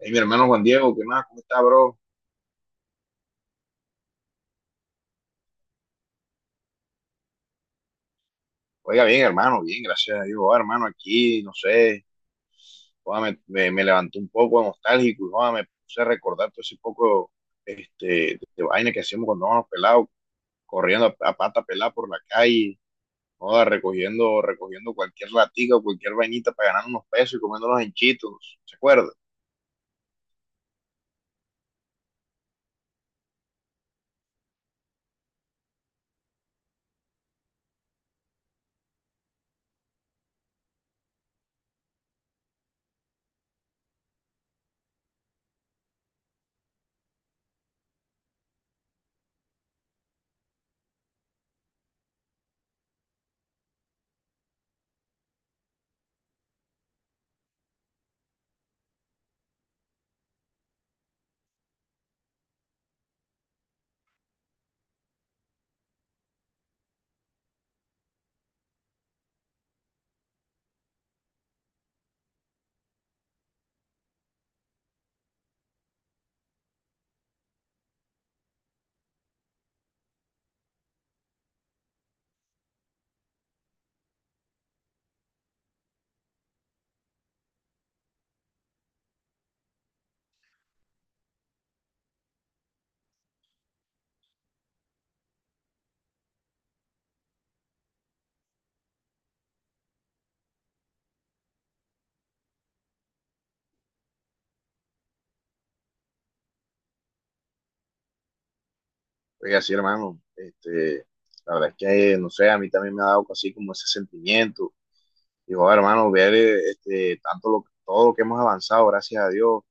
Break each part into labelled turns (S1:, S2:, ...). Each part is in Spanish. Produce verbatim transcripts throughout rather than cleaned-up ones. S1: Hey, mi hermano Juan Diego, ¿qué más? ¿Cómo está, bro? Oiga, bien, hermano, bien, gracias a Dios. Ah, hermano, aquí, no sé, joda, me, me, me levantó un poco nostálgico y joda, me puse a recordar todo ese poco este, de, de vaina que hacíamos cuando íbamos pelados, corriendo a, a pata pelada por la calle, joda, recogiendo, recogiendo cualquier latica o cualquier vainita para ganar unos pesos y comiéndonos en chitos, ¿se acuerda? Oiga, sí, hermano, este, la verdad es que, no sé, a mí también me ha dado así como ese sentimiento. Dijo, hermano, ver eh, este, tanto lo, todo lo que hemos avanzado, gracias a Dios,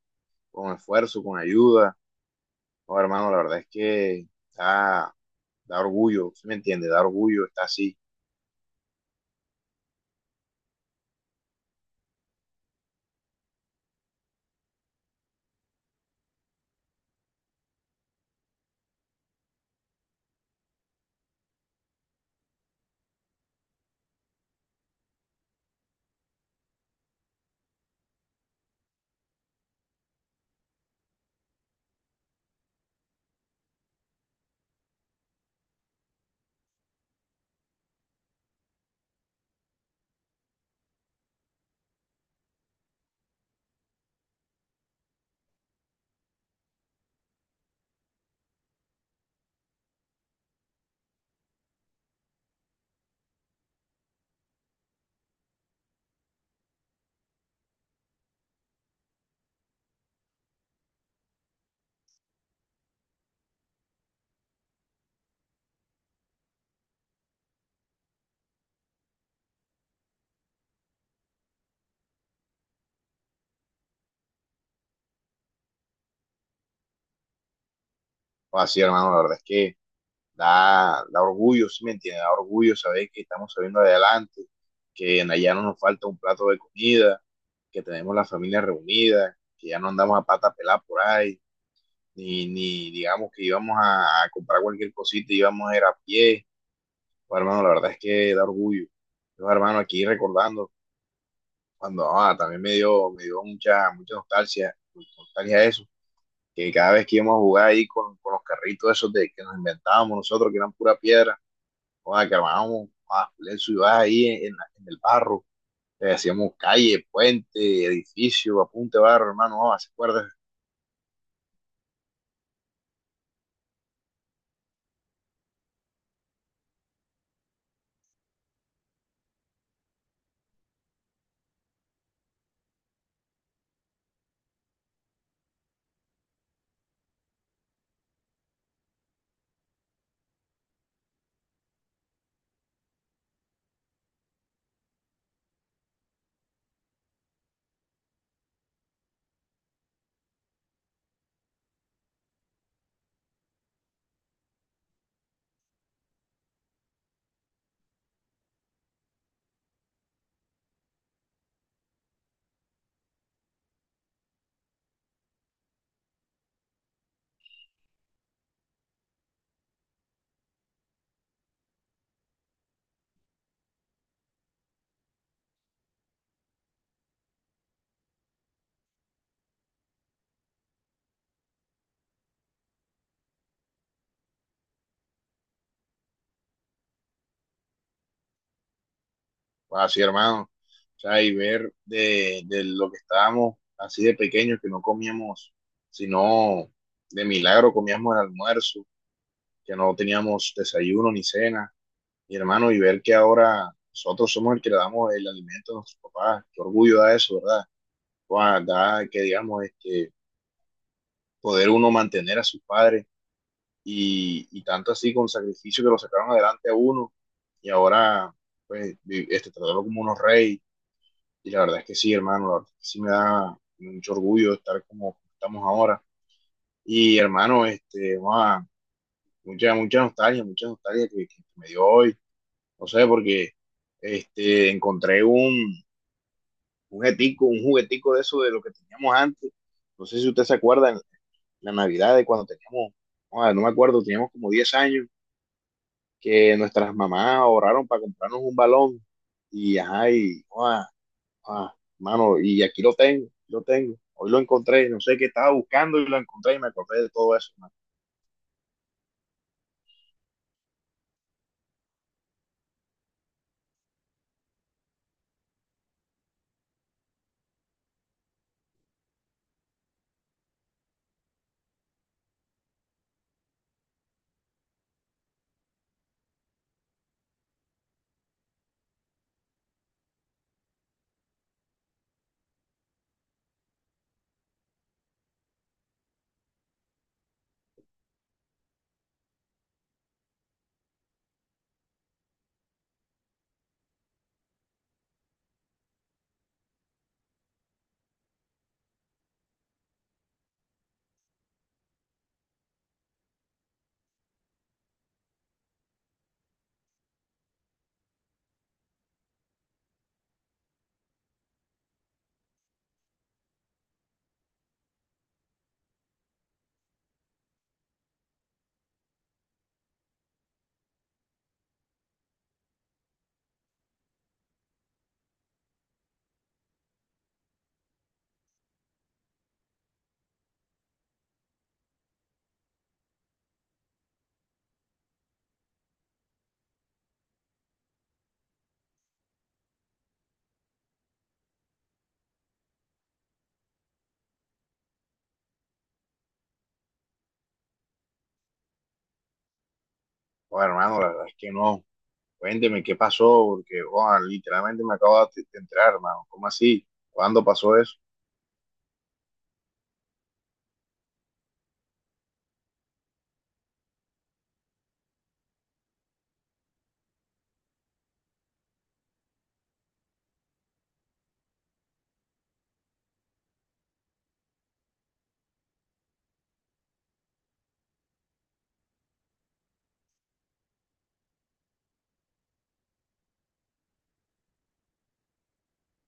S1: con esfuerzo, con ayuda. No, hermano, la verdad es que da, da orgullo, ¿sí me entiende? Da orgullo, está así. O así, hermano, la verdad es que da, da orgullo, ¿sí me entiende? Da orgullo saber que estamos saliendo adelante, que en allá no nos falta un plato de comida, que tenemos la familia reunida, que ya no andamos a pata pelada por ahí, ni, ni digamos que íbamos a, a comprar cualquier cosita y íbamos a ir a pie. Bueno, hermano, la verdad es que da orgullo. Yo, hermano, aquí recordando, cuando ah, también me dio, me dio mucha, mucha nostalgia, nostalgia eso, que cada vez que íbamos a jugar ahí con, con los carritos esos de que nos inventábamos nosotros, que eran pura piedra, ah, que armábamos ah, su ciudad ahí en, en la- en el barro, eh, hacíamos calle, puente, edificio, apunte barro, hermano, ah, ¿se acuerda? Pues así, hermano. O sea, y ver de, de lo que estábamos así de pequeños, que no comíamos, sino de milagro comíamos el almuerzo, que no teníamos desayuno ni cena. Y hermano, y ver que ahora nosotros somos el que le damos el alimento a nuestros papás. Qué orgullo da eso, ¿verdad? Guau, da que, digamos, este, poder uno mantener a sus padres y, y tanto así con sacrificio que lo sacaron adelante a uno y ahora, pues, vi- este, tratarlo como unos reyes. Y la verdad es que sí, hermano, la verdad es que sí me da mucho orgullo estar como estamos ahora. Y hermano, este, wow, mucha, mucha nostalgia, mucha nostalgia que, que me dio hoy. No sé, porque este, encontré un, un juguetico, un juguetico de eso de lo que teníamos antes. No sé si usted se acuerda, en la Navidad de cuando teníamos, ah, no me acuerdo, teníamos como diez años, que nuestras mamás ahorraron para comprarnos un balón. Y, ajá, y, wow, Ah, mano, y aquí lo tengo, lo tengo. Hoy lo encontré, no sé qué estaba buscando y lo encontré y me acordé de todo eso, hermano. Oh, hermano, la verdad es que no. Cuénteme qué pasó, porque oh, literalmente me acabo de entrar, hermano. ¿Cómo así? ¿Cuándo pasó eso?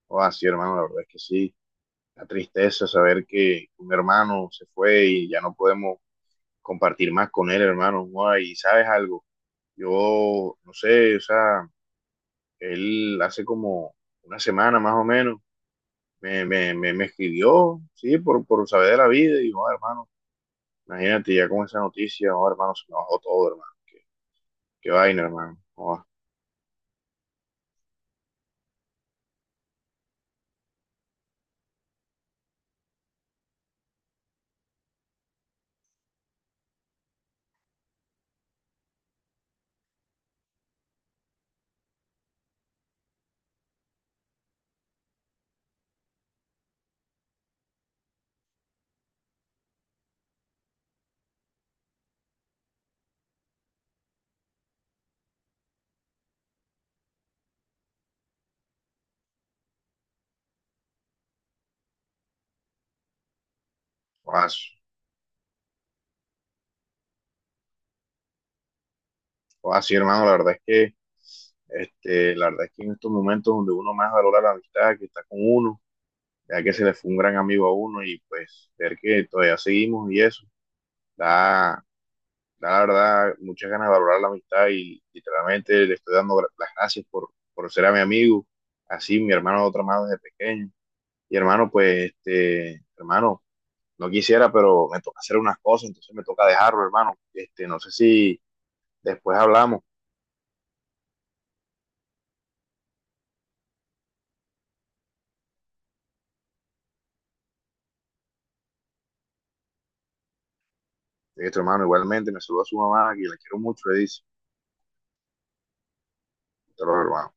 S1: Oh, ah, sí, hermano, la verdad es que sí. La tristeza saber que un hermano se fue y ya no podemos compartir más con él, hermano. Oh, y sabes algo, yo no sé, o sea, él hace como una semana más o menos me, me, me, me escribió, sí, por, por saber de la vida, y dijo, "Ah, hermano, imagínate ya con esa noticia, oh, hermano, se me bajó todo, hermano, qué, qué vaina, hermano, oh, oh, ah, oh, ah, sí, hermano, la verdad es que, este, la verdad es que en estos momentos donde uno más valora la amistad, que está con uno, ya que se le fue un gran amigo a uno, y pues, ver que todavía seguimos y eso, da, da la verdad, muchas ganas de valorar la amistad, y literalmente le estoy dando gra- las gracias por, por ser a mi amigo, así, mi hermano de otra mano desde pequeño, y hermano, pues, este, hermano, no quisiera, pero me toca hacer unas cosas, entonces me toca dejarlo, hermano. Este, no sé si después hablamos. Este, hermano, igualmente, me saluda a su mamá, que la quiero mucho, le dice. Hasta luego, hermano.